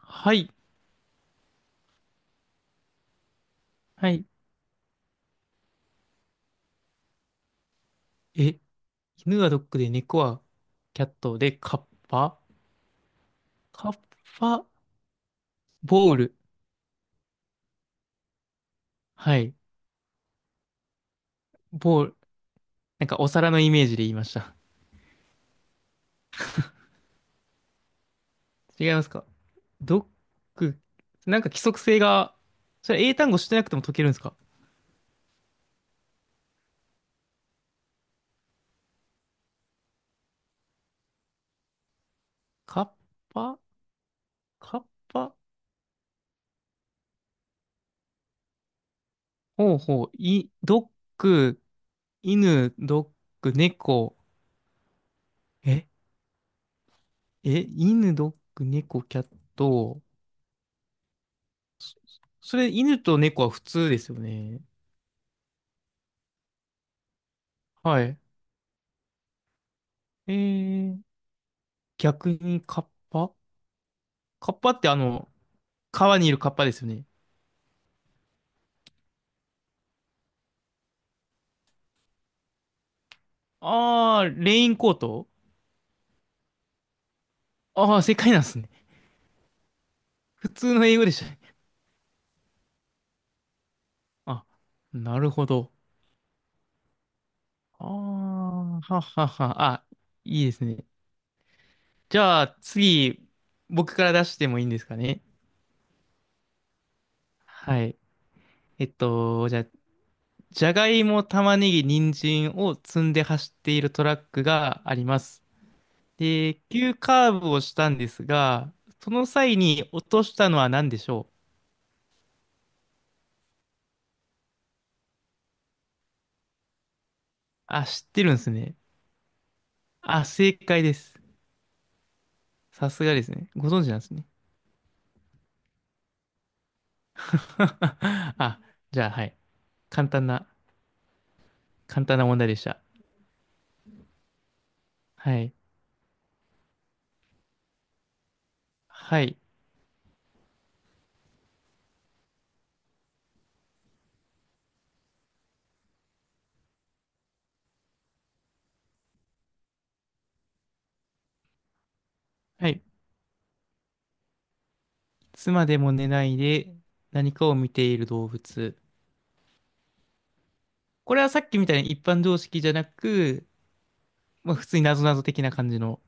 はい。はい。え、犬はドッグで、猫はキャットで、カッパカッパボール。はい。ボール。なんかお皿のイメージで言いました。違いますか？ドッグ。なんか規則性が、それ英単語してなくても解けるんですか？カッパカッパほうほう。ドッグ、犬、ドッグ、猫。え、犬、ドッグ、猫、キャット。それ、犬と猫は普通ですよね。はい。えー、逆にカッパカッパって川にいるカッパですよね。ああ、レインコート。ああー、正解なんですね。普通の英語でしたね。あ、なるほど。あーはっはっは。あ、いいですね。じゃあ、次、僕から出してもいいんですかね。はい。じゃあ、じゃがいも、玉ねぎ、人参を積んで走っているトラックがあります。で、急カーブをしたんですが、その際に落としたのは何でしょう？あ、知ってるんですね。あ、正解です。さすがですね。ご存知なんですね。あ、じゃあ、はい。簡単な、簡単な問題でした。はい。はい。はい。いつまでも寝ないで何かを見ている動物。これはさっきみたいに一般常識じゃなく、まあ、普通に謎々的な感じの。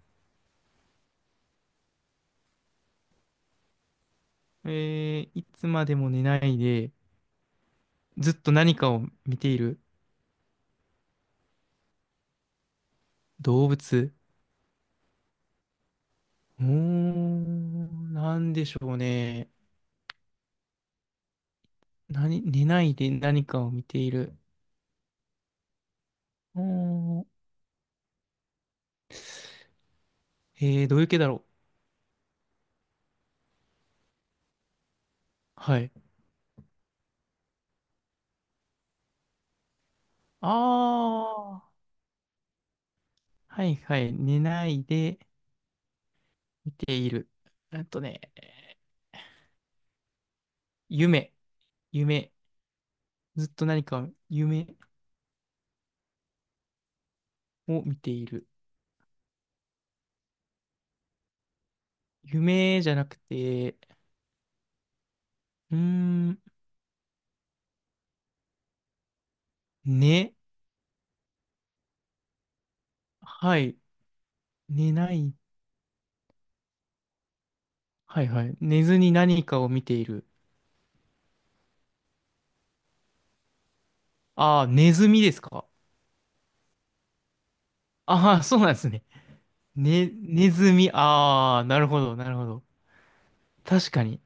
いつまでも寝ないでずっと何かを見ている動物。うーん、なんでしょうね。何、寝ないで何かを見ている。うーん、どういう系だろう。はい。ああ、はいはい。寝ないで見ている。えっとね、夢、夢、ずっと何か夢を見ている。夢じゃなくて、うーん、寝、はい、寝ない、はいはい。寝ずに何かを見ている。ああ、ネズミですか？ああー、そうなんですね。ね、ネズミ、ああ、なるほど、なるほど。確かに。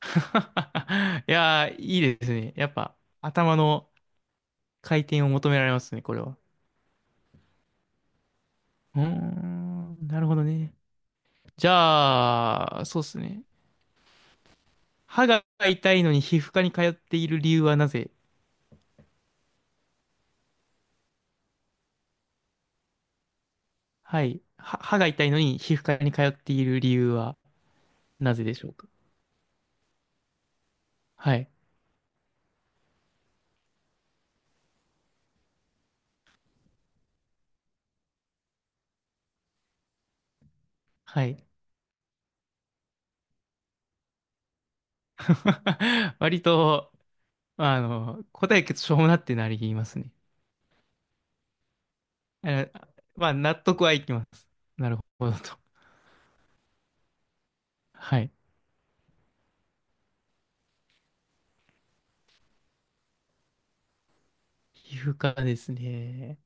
いやー、いいですね。やっぱ、頭の回転を求められますね、これは。うーん、なるほどね。じゃあ、そうですね。歯が痛いのに皮膚科に通っている理由はなぜ？はい。歯が痛いのに皮膚科に通っている理由はなぜでしょうか？はい。はい。割と、答えがしょうもなってなりますね。あのまあ、納得はいきます。なるほどと。はい。皮膚科ですね。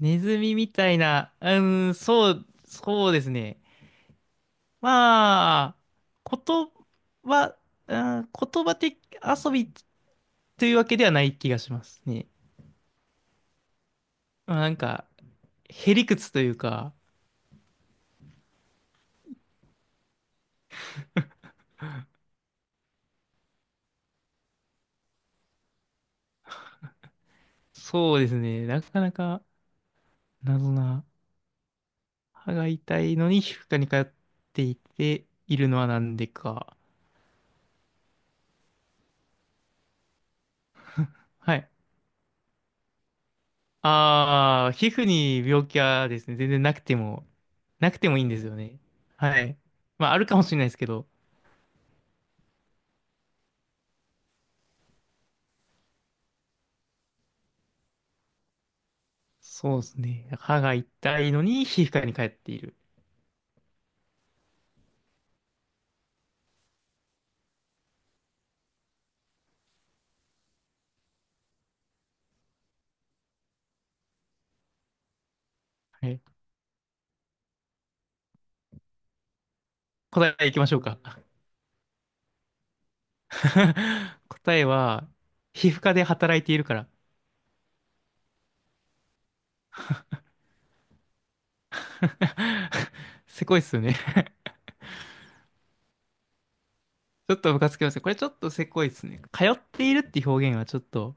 ネズミみたいな、そうですね。まあ、言葉、うん、言葉的遊びというわけではない気がしますね。まあ、なんか、へりくつというか、そうですね。なかなか謎な、歯が痛いのに皮膚科に通っていて、いるのはなんでか。はい。ああ、皮膚に病気はですね、全然なくてもいいんですよね。はい。まあ、あるかもしれないですけど、そうですね。歯が痛いのに皮膚科に通っている。はい。答えいきましょうか。答えは、皮膚科で働いているから。せこいっすよね。ちょっとムカつきますね。これちょっとせこいっすね。通っているって表現はちょっと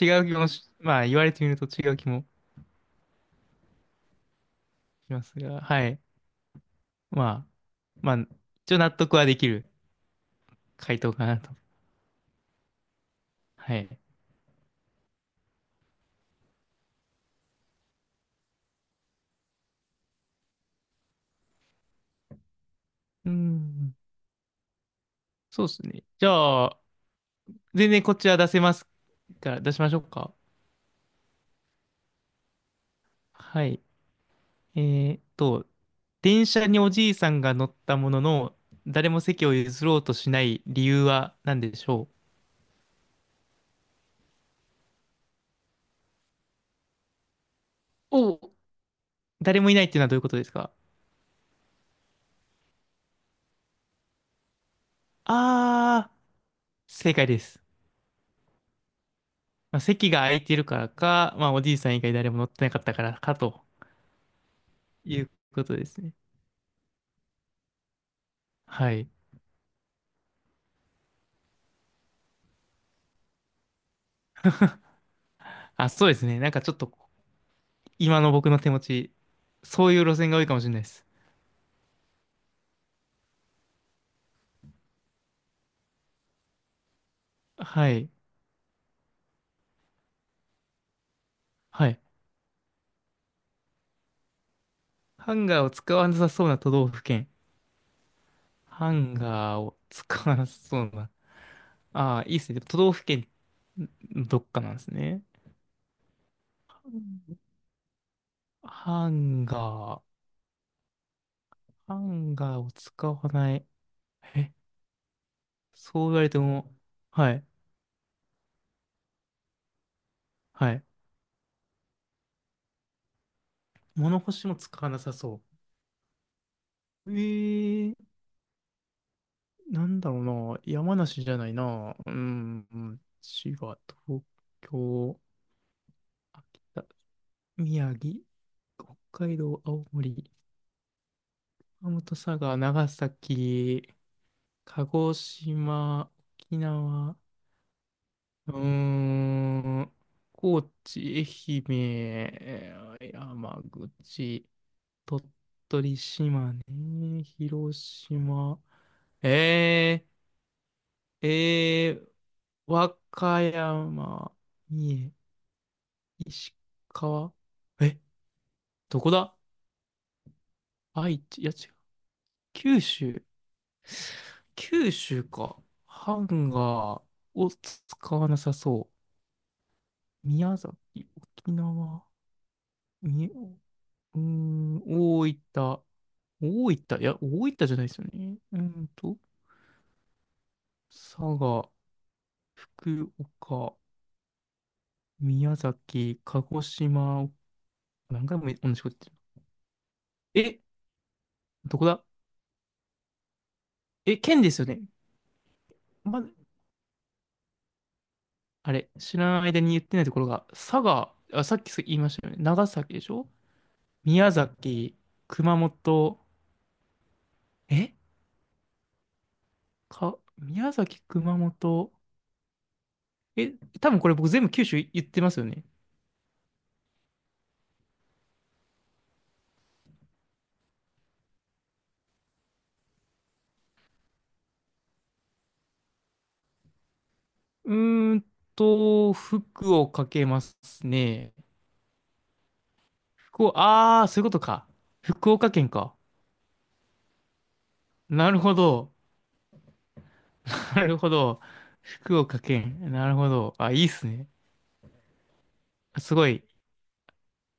違う気もし、まあ言われてみると違う気もしますが、はい。まあ、まあ、一応納得はできる。回答かなと。はい。うん。そうですね。じゃあ、全然こっちは出せますから、出しましょうか。はい。えーっと、電車におじいさんが乗ったものの、誰も席を譲ろうとしない理由は何でしょう？おう。誰もいないっていうのはどういうことですか？あー、正解です。まあ、席が空いてるからか、まあ、おじいさん以外誰も乗ってなかったからかということですね。はい。あ、そうですね。なんかちょっと今の僕の手持ち、そういう路線が多いかもしれないです。はい。はい。ハンガーを使わなさそうな都道府県。ハンガーを使わなさそうな。ああ、いいですね。都道府県のどっかなんですね。うん、ハンガー。ハンガーを使わない。え、そう言われても、はい。はい。物干しも使わなさそう。ー、なんだろうな。山梨じゃないな。うん、うん、滋賀、東京、秋田。宮城、北海道、青森、熊本、佐賀、長崎、鹿児島、沖縄、うーん、高知、愛媛、山口、鳥取、島根、広島、えー、えー、和歌山、三重、石川、え、どこだ？愛知、いや違う、九州、九州か。ハンガーを使わなさそう。宮崎、沖縄、み、うーん、大分、大分、いや、大分じゃないですよね。佐賀、福岡、宮崎、鹿児島、何回も同じこと言ってる。どこだ？県ですよね。ま、あれ、知らない間に言ってないところが、佐賀、あ、さっき言いましたよね。長崎でしょ？宮崎、熊本、え宮崎、熊本。え、多分これ僕全部九州言ってますよね。うーん福岡けますね。福岡、あー、そういうことか。福岡県か。なるほど。なるほど。福岡県。なるほど。あ、いいっすね。すごい。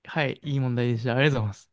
はい、いい問題でした。ありがとうございます。